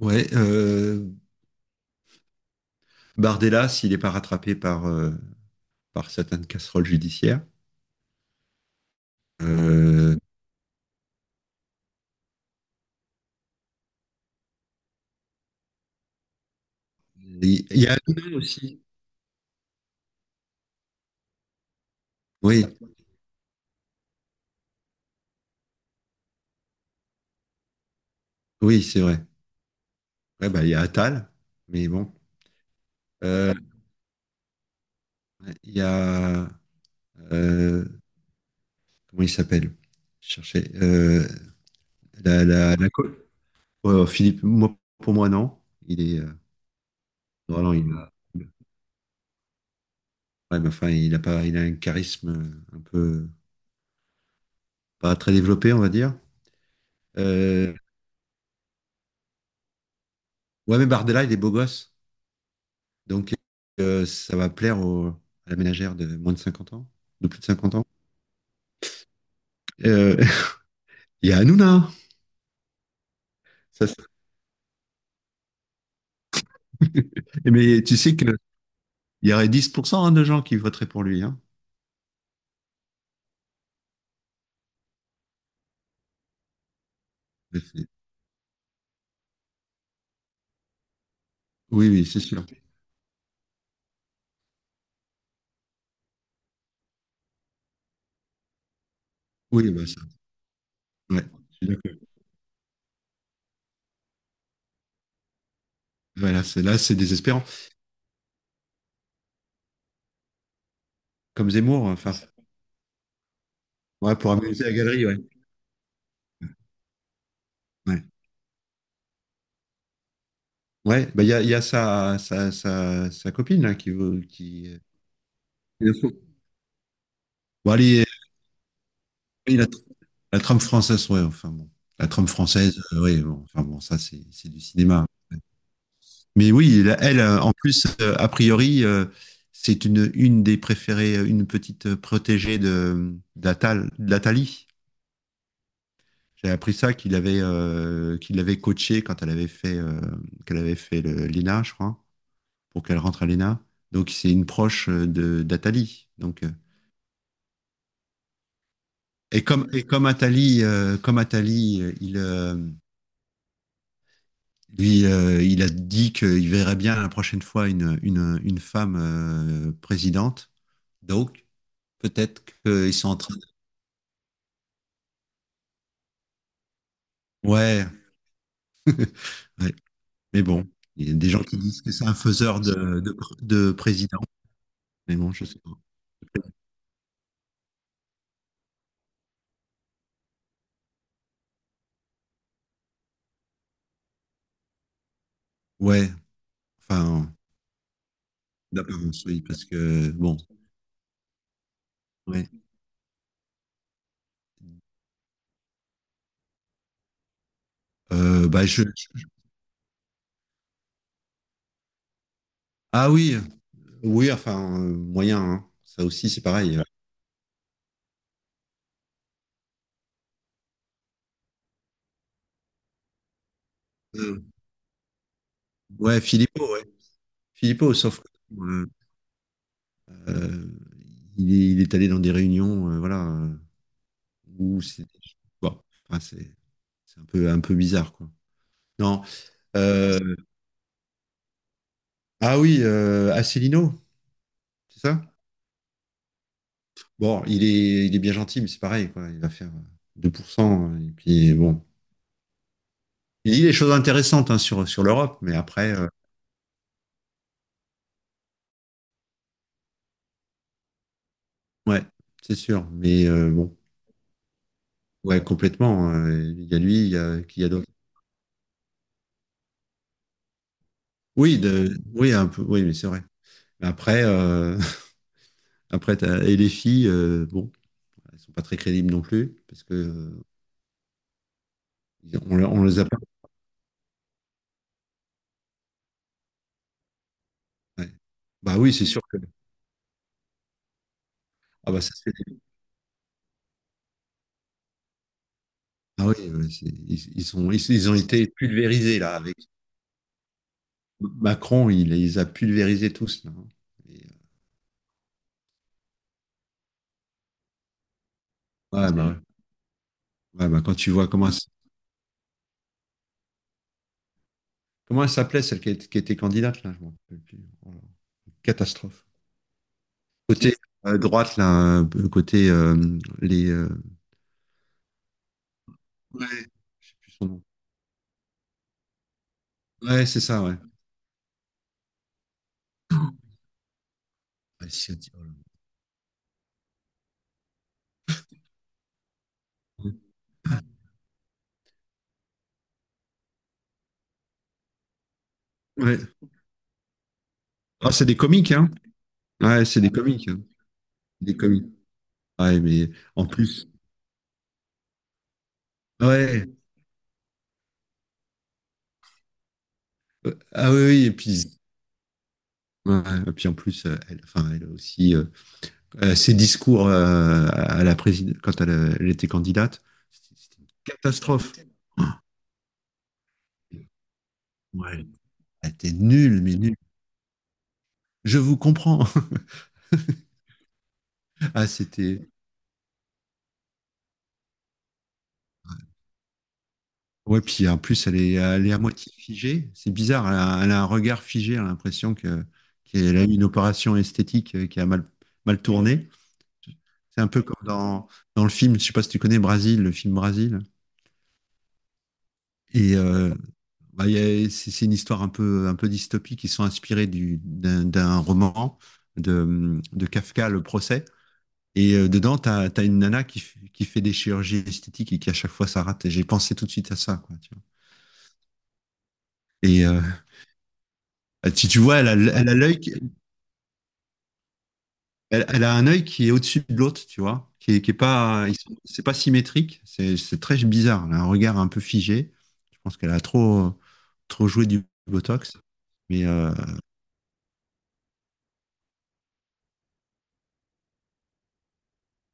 Ouais, Bardella, s'il n'est pas rattrapé par certaines casseroles judiciaires. Euh, Il il y a Hanouna aussi. Oui, oui, c'est vrai. Ouais, bah, il y a Attal, mais bon. Euh, il y a. euh, Comment il s'appelle? Je cherchais. La co- Ouais, oh, Philippe, moi, pour moi, non. Il est. Non, non, il a. Ouais, mais enfin, il a pas, il a un charisme un peu. Pas très développé, on va dire. Euh, ouais, mais Bardella, il est beau gosse. Donc, ça va plaire au- à la ménagère de moins de 50 ans, de plus de 50 ans. Euh, Il y a Hanouna. Ça, c'est- Mais tu sais qu'il y aurait 10 %, hein, de gens qui voteraient pour lui, hein. Oui, oui, c'est sûr. Oui, bah, ça, ouais, je suis d'accord. Voilà, c'est, là, c'est désespérant. Comme Zemmour, enfin, ouais, pour amuser la galerie, ouais. Ouais, Ouais, bah, il y a sa copine là, qui veut. Qui... Bon, allez, il a la trame française, ouais, enfin bon. La trame française, ouais, bon, enfin bon, ça c'est du cinéma. Mais oui, la- elle, en plus, a priori, c'est une des préférées, une petite protégée de d'Atal, d'Atali. J'ai appris ça qu'il avait, qu'il l'avait coachée quand elle avait fait, qu'elle avait fait le- l'ENA, je crois, pour qu'elle rentre à l'ENA. Donc c'est une proche de d'Atali. Donc. Et comme Atali, comme Atali, il Lui, il a dit qu'il verrait bien la prochaine fois une femme présidente. Donc, peut-être qu'ils sont en train de... Ouais, ouais. Mais bon, il y a des gens qui disent que c'est un faiseur de président. Mais bon, je sais pas. Ouais, enfin, d'apparence, oui, parce que, bon, ouais. Bah, je... Ah oui, oui, enfin, moyen, hein. Ça aussi, c'est pareil. Euh, ouais, Philippot, ouais. Philippot, sauf que, euh, Euh, il est allé dans des réunions, voilà, où c'est bon, enfin, c'est un peu bizarre, quoi. Non. euh, ah oui, Asselineau, c'est ça? Bon, il est bien gentil, mais c'est pareil, quoi. Il va faire 2%. Et puis, bon. Il dit des choses intéressantes, hein, sur l'Europe, mais après, ouais, c'est sûr. Mais bon, ouais, complètement. Il y a lui, il y a, qui y a d'autres. Oui, oui, un peu, oui, mais c'est vrai. Mais après, après, t'as- et les filles, bon. Bah, ils sont pas très crédibles non plus, parce que ils- on, le- on les a pas. Ouais. Bah oui, c'est sûr que. Ah bah ça se fait. Ah oui, ouais, c'est- ils sont, ils ont été pulvérisés là avec Macron, il les a pulvérisés tous là, hein. Et, ouais, bah, ouais. Ouais, bah, quand tu vois comment elle, s- comment elle s'appelait celle qui, est- qui était candidate là, je m'en rappelle plus. Oh là, catastrophe. Côté droite là, un peu côté les. Ouais, je sais plus son nom. Ouais, c'est ça, ouais. Ouais, si, on dit- oh là là. Ouais. Ah, c'est des comiques, hein? Ouais, c'est des comiques, hein. Des comiques. Ouais, mais en plus. Ah ouais. Ah oui, oui, et puis. Ouais, et puis en plus, elle, enfin, elle a aussi, ses discours à la présidente quand elle, elle était candidate, c'était une catastrophe. Ouais, elle était nulle, mais nulle. Je vous comprends. Ah, c'était. Ouais, puis en plus, elle est à moitié figée. C'est bizarre. Elle a un regard figé. Elle a l'impression que qu'elle a eu une opération esthétique qui a mal, mal tourné. C'est un peu comme dans le film, je sais pas si tu connais Brasil, le film Brasil. Et bah, il y a- c'est une histoire un peu dystopique. Ils sont inspirés du, d'un roman de Kafka, Le procès. Et dedans, tu as, une nana qui, f- qui fait des chirurgies esthétiques et qui à chaque fois ça rate. Et j'ai pensé tout de suite à ça. Quoi, tu vois. Et si tu vois, elle a, l- elle a l'œil, qui- Elle, elle a un œil qui est au-dessus de l'autre, tu vois, qui est pas, ils sont- c'est pas symétrique, c'est très bizarre. Elle a un regard un peu figé. Je pense qu'elle a trop, trop joué du Botox, mais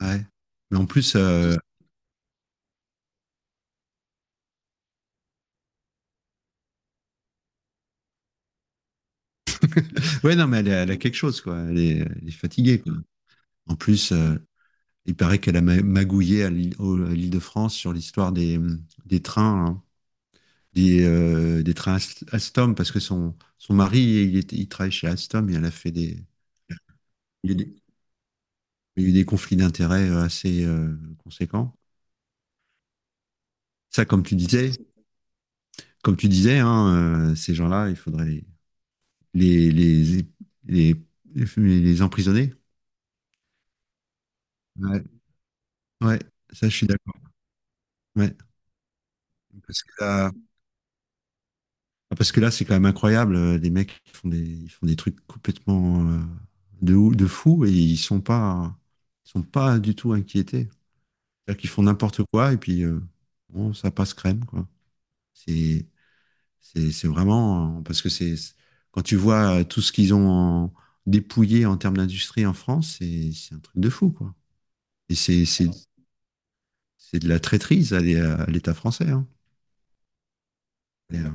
ouais. Mais en plus, ouais, non, mais elle a quelque chose, quoi. Elle est fatiguée, quoi. En plus, il paraît qu'elle a ma- magouillé à l'île au- à l'Île-de-France sur l'histoire des trains, hein, des trains Ast- Alstom, parce que son mari, il, était- il travaille chez Alstom et elle a fait des- Il y a eu des conflits d'intérêts assez conséquents. Ça, comme tu disais, hein, ces gens-là, il faudrait les, les, les, les, les emprisonner. Ouais, ouais, ça, je suis d'accord. Ouais, parce que là, parce que là, c'est quand même incroyable. Les mecs ils font des trucs complètement, de, ou- de fou et ils sont pas du tout inquiétés. C'est-à-dire qu'ils font n'importe quoi et puis bon, ça passe crème, quoi. C'est c'est vraiment parce que c'est quand tu vois tout ce qu'ils ont en- dépouillé en termes d'industrie en France, c'est un truc de fou, quoi. Et c'est de la traîtrise à l'é- à l'État français, hein. Et,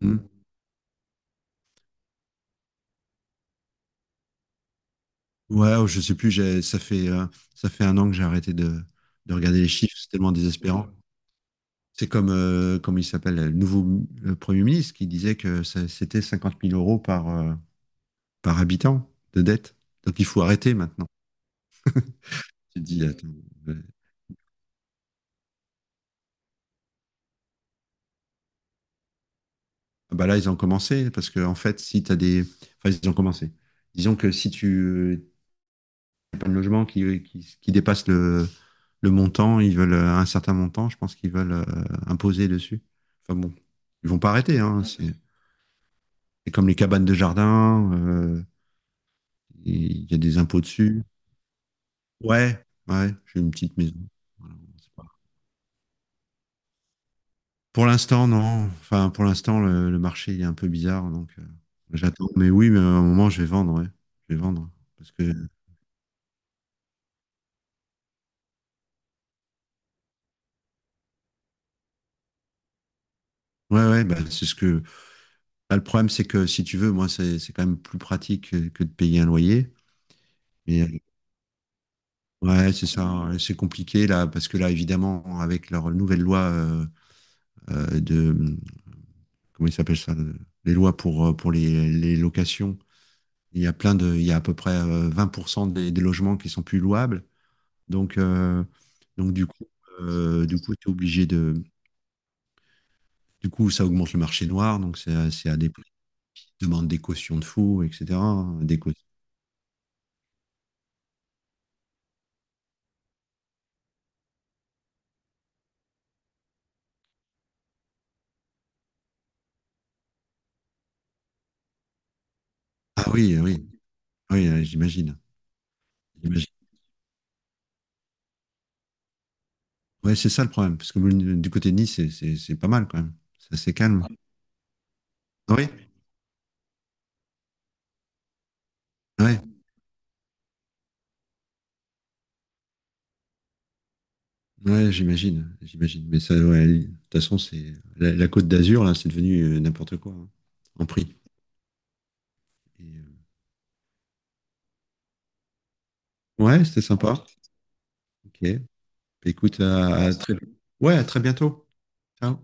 hmm. Ouais, oh, je sais plus. J'ai- ça fait un an que j'ai arrêté de regarder les chiffres. C'est tellement désespérant. C'est comme, comment il s'appelle le nouveau Premier ministre qui disait que ça- c'était 50 000 euros par habitant de dette. Donc il faut arrêter maintenant. Tu te dis attends. euh, Bah là, ils ont commencé, parce que en fait, si tu as des. Enfin, ils ont commencé. Disons que si tu n'as pas de logement qui dépasse le montant, ils veulent un certain montant, je pense qu'ils veulent imposer dessus. Enfin bon, ils vont pas arrêter, hein. C'est comme les cabanes de jardin, il y a des impôts dessus. Ouais, ouais, j'ai une petite maison. Voilà, c'est pas- Pour l'instant, non. Enfin, pour l'instant, le marché il est un peu bizarre, donc j'attends. Mais oui, mais à un moment, je vais vendre, ouais. Je vais vendre. Parce que. Ouais, ouais, bah, c'est ce que. Bah, le problème, c'est que si tu veux, moi, c'est quand même plus pratique que de payer un loyer. Mais ouais, c'est ça. C'est compliqué là, parce que là, évidemment, avec leur nouvelle loi, de comment il s'appelle ça, le- les lois pour les locations, il y a plein de, il y a à peu près 20 % des logements qui sont plus louables. Donc euh, donc du coup, t'es obligé de, du coup, ça augmente le marché noir. Donc c'est à des prix qui demandent des cautions de fous, etc. Des cautions. Ah oui, oui. Oui, j'imagine. J'imagine. Ouais, c'est ça le problème, parce que le- du côté de Nice, c'est pas mal quand même. C'est assez calme. Ah oui, ouais, ouais, j'imagine, j'imagine. Mais ça, ouais, de toute façon, c'est la Côte d'Azur, là, c'est devenu n'importe quoi, hein, en prix. Et, ouais, c'était sympa. Ok. Écoute, ouais, à très bientôt. Ciao.